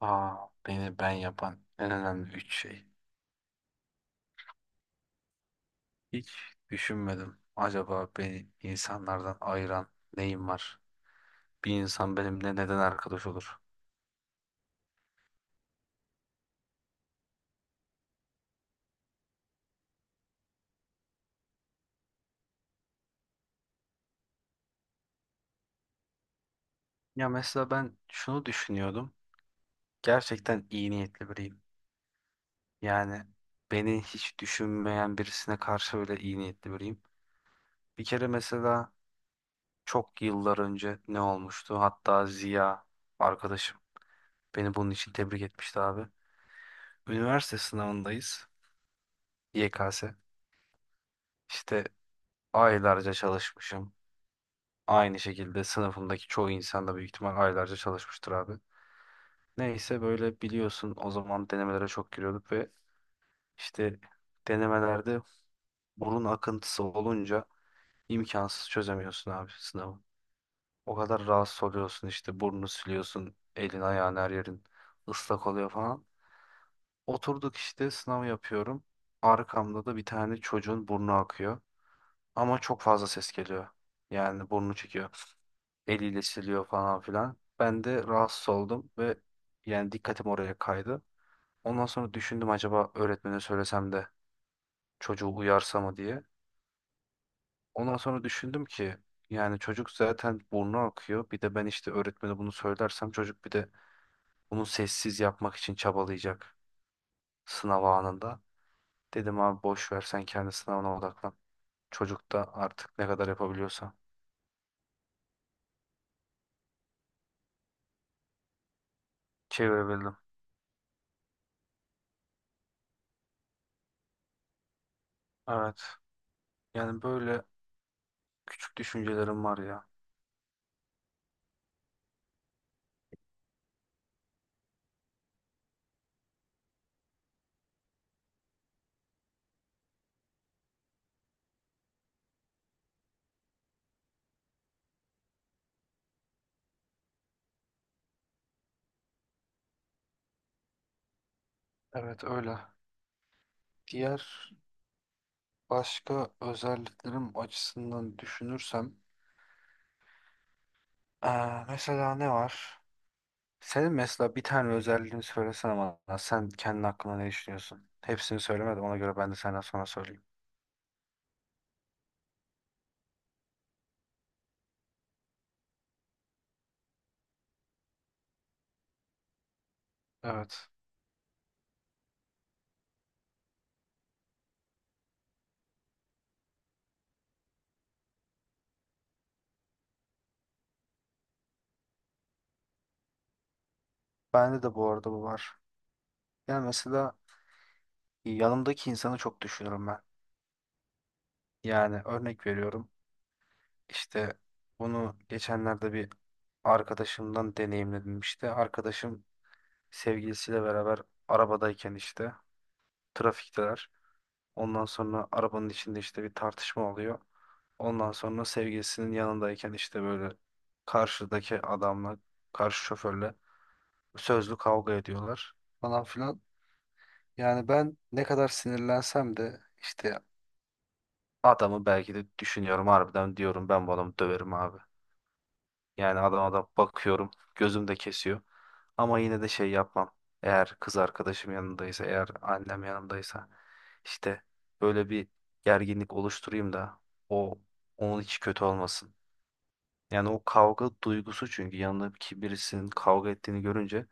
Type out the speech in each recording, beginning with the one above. Aa, beni ben yapan en önemli üç şey. Hiç düşünmedim. Acaba beni insanlardan ayıran neyim var? Bir insan benimle neden arkadaş olur? Ya mesela ben şunu düşünüyordum. Gerçekten iyi niyetli biriyim. Yani beni hiç düşünmeyen birisine karşı öyle iyi niyetli biriyim. Bir kere mesela çok yıllar önce ne olmuştu? Hatta Ziya arkadaşım beni bunun için tebrik etmişti abi. Üniversite sınavındayız. YKS. İşte aylarca çalışmışım. Aynı şekilde sınıfımdaki çoğu insan da büyük ihtimal aylarca çalışmıştır abi. Neyse böyle biliyorsun o zaman denemelere çok giriyorduk ve işte denemelerde burun akıntısı olunca imkansız çözemiyorsun abi sınavı. O kadar rahatsız oluyorsun işte burnunu siliyorsun, elin ayağın her yerin ıslak oluyor falan. Oturduk işte sınav yapıyorum. Arkamda da bir tane çocuğun burnu akıyor ama çok fazla ses geliyor. Yani burnu çekiyor, eliyle siliyor falan filan. Ben de rahatsız oldum ve yani dikkatim oraya kaydı. Ondan sonra düşündüm acaba öğretmene söylesem de çocuğu uyarsa mı diye. Ondan sonra düşündüm ki yani çocuk zaten burnu akıyor. Bir de ben işte öğretmene bunu söylersem çocuk bir de bunu sessiz yapmak için çabalayacak sınav anında. Dedim abi boş ver sen kendi sınavına odaklan. Çocuk da artık ne kadar yapabiliyorsa, çevirebildim. Evet. Yani böyle küçük düşüncelerim var ya. Evet öyle. Diğer başka özelliklerim açısından düşünürsem mesela ne var? Senin mesela bir tane özelliğini söylesene bana. Sen kendi hakkında ne düşünüyorsun? Hepsini söylemedim. Ona göre ben de senden sonra söyleyeyim. Evet. Bende de bu arada bu var. Yani mesela yanımdaki insanı çok düşünürüm ben. Yani örnek veriyorum. İşte bunu geçenlerde bir arkadaşımdan deneyimledim işte. Arkadaşım sevgilisiyle beraber arabadayken işte trafikteler. Ondan sonra arabanın içinde işte bir tartışma oluyor. Ondan sonra sevgilisinin yanındayken işte böyle karşıdaki adamla, karşı şoförle sözlü kavga ediyorlar falan filan. Yani ben ne kadar sinirlensem de işte adamı belki de düşünüyorum, harbiden diyorum ben bu adamı döverim abi. Yani adam da bakıyorum, gözüm de kesiyor. Ama yine de şey yapmam. Eğer kız arkadaşım yanındaysa, eğer annem yanındaysa işte böyle bir gerginlik oluşturayım da o onun hiç kötü olmasın. Yani o kavga duygusu, çünkü yanındaki birisinin kavga ettiğini görünce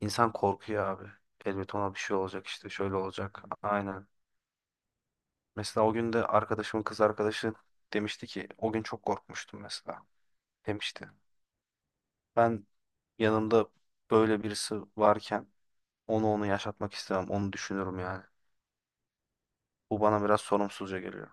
insan korkuyor abi. Elbet ona bir şey olacak işte şöyle olacak. Aynen. Mesela o gün de arkadaşımın kız arkadaşı demişti ki o gün çok korkmuştum mesela demişti. Ben yanımda böyle birisi varken Onu yaşatmak istemem. Onu düşünürüm yani. Bu bana biraz sorumsuzca geliyor.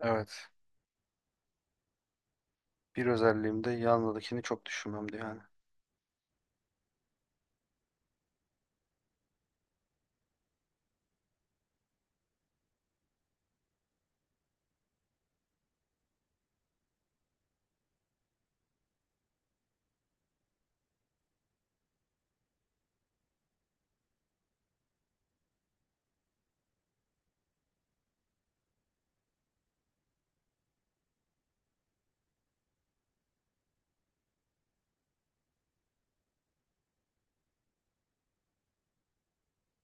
Evet. Bir özelliğim de yanındakini çok düşünmemdi yani.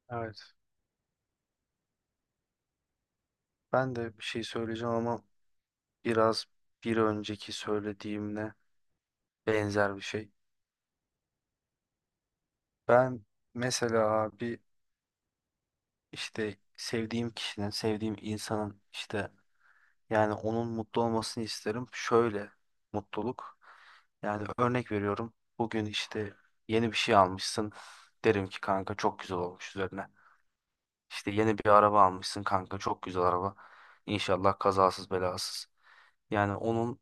Evet. Ben de bir şey söyleyeceğim ama biraz bir önceki söylediğimle benzer bir şey. Ben mesela abi işte sevdiğim kişinin, sevdiğim insanın işte yani onun mutlu olmasını isterim. Şöyle mutluluk. Yani örnek veriyorum. Bugün işte yeni bir şey almışsın. Derim ki kanka çok güzel olmuş üzerine. İşte yeni bir araba almışsın kanka, çok güzel araba. İnşallah kazasız belasız. Yani onun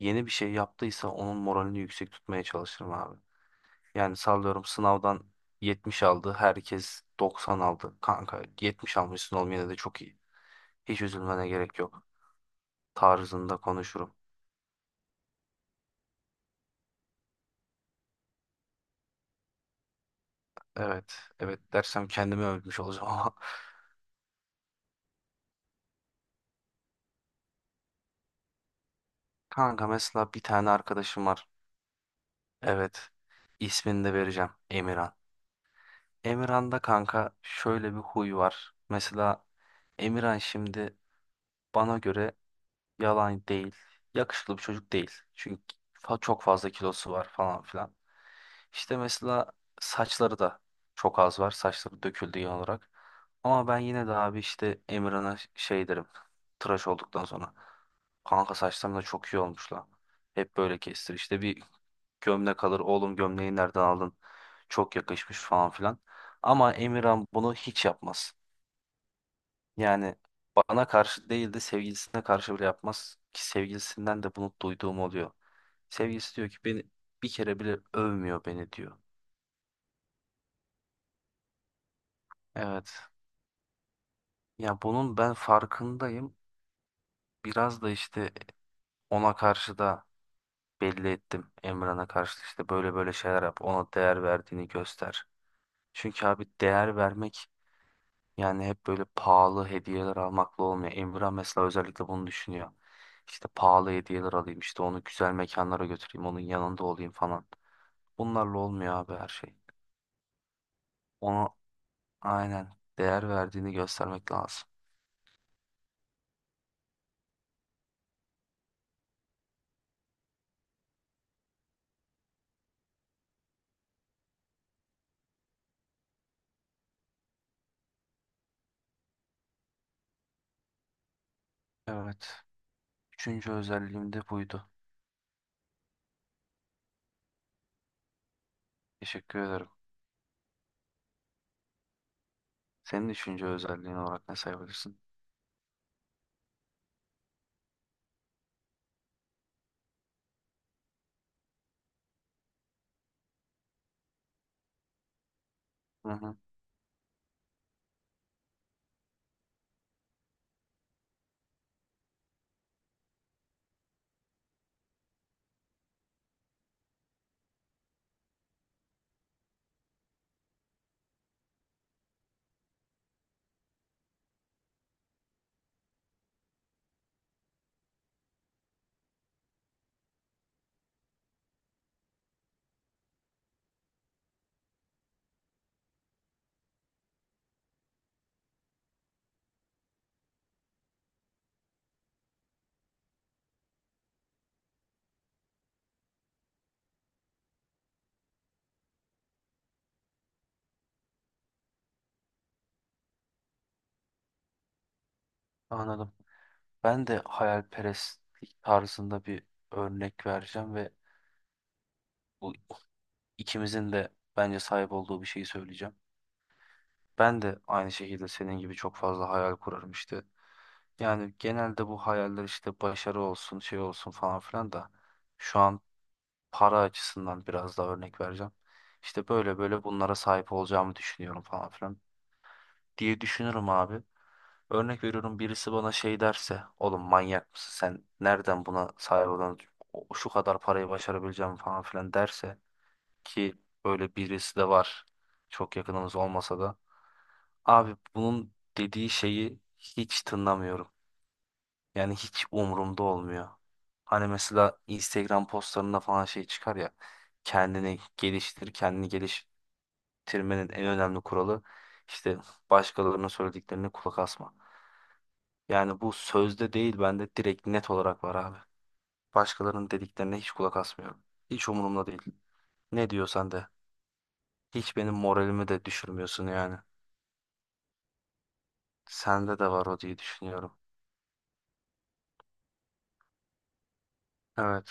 yeni bir şey yaptıysa onun moralini yüksek tutmaya çalışırım abi. Yani sallıyorum sınavdan 70 aldı, herkes 90 aldı. Kanka 70 almışsın oğlum yine de çok iyi. Hiç üzülmene gerek yok tarzında konuşurum. Evet evet dersem kendimi övmüş olacağım ama. Kanka mesela bir tane arkadaşım var. Evet, ismini de vereceğim, Emirhan. Emirhan'da kanka şöyle bir huy var. Mesela Emirhan şimdi bana göre, yalan değil, yakışıklı bir çocuk değil. Çünkü çok fazla kilosu var falan filan. İşte mesela saçları da çok az var. Saçları döküldü genel olarak. Ama ben yine de abi işte Emirhan'a şey derim. Tıraş olduktan sonra. Kanka saçlarım da çok iyi olmuş lan. Hep böyle kestir. İşte bir gömlek alır. Oğlum gömleği nereden aldın? Çok yakışmış falan filan. Ama Emirhan bunu hiç yapmaz. Yani bana karşı değil de sevgilisine karşı bile yapmaz. Ki sevgilisinden de bunu duyduğum oluyor. Sevgilisi diyor ki beni bir kere bile övmüyor beni diyor. Evet. Ya bunun ben farkındayım. Biraz da işte ona karşı da belli ettim. Emran'a karşı da işte böyle böyle şeyler yap. Ona değer verdiğini göster. Çünkü abi değer vermek, yani hep böyle pahalı hediyeler almakla olmuyor. Emrah mesela özellikle bunu düşünüyor. İşte pahalı hediyeler alayım, işte onu güzel mekanlara götüreyim, onun yanında olayım falan. Bunlarla olmuyor abi her şey. Ona aynen değer verdiğini göstermek lazım. Evet. Üçüncü özelliğim de buydu. Teşekkür ederim. Senin üçüncü özelliğin olarak ne sayabilirsin? Hı hı, anladım. Ben de hayalperestlik tarzında bir örnek vereceğim ve bu ikimizin de bence sahip olduğu bir şeyi söyleyeceğim. Ben de aynı şekilde senin gibi çok fazla hayal kurarım işte. Yani genelde bu hayaller işte başarı olsun, şey olsun falan filan da şu an para açısından biraz daha örnek vereceğim. İşte böyle böyle bunlara sahip olacağımı düşünüyorum falan filan diye düşünürüm abi. Örnek veriyorum, birisi bana şey derse, oğlum manyak mısın sen? Nereden buna sahip olan şu kadar parayı başarabileceğim falan filan derse, ki böyle birisi de var. Çok yakınımız olmasa da. Abi bunun dediği şeyi hiç tınlamıyorum. Yani hiç umurumda olmuyor. Hani mesela Instagram postlarında falan şey çıkar ya. Kendini geliştir, kendini geliştirmenin en önemli kuralı işte başkalarının söylediklerine kulak asma. Yani bu sözde değil bende direkt net olarak var abi. Başkalarının dediklerine hiç kulak asmıyorum. Hiç umurumda değil. Ne diyorsan de. Hiç benim moralimi de düşürmüyorsun yani. Sende de var o diye düşünüyorum. Evet.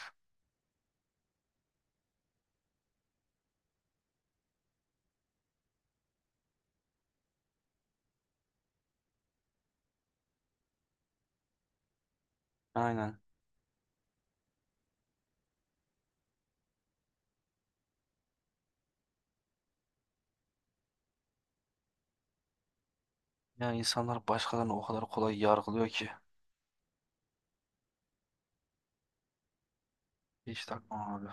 Aynen. Ya insanlar başkalarını o kadar kolay yargılıyor ki. Hiç takmam abi.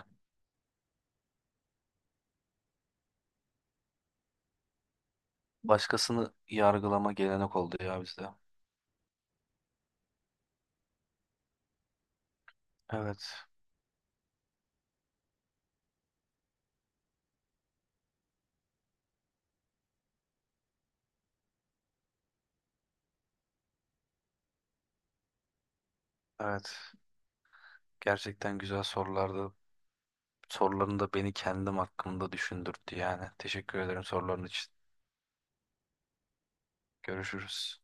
Başkasını yargılama gelenek oldu ya bizde. Evet, evet. Gerçekten güzel sorulardı. Soruların da beni kendim hakkında düşündürttü yani. Teşekkür ederim soruların için. Görüşürüz.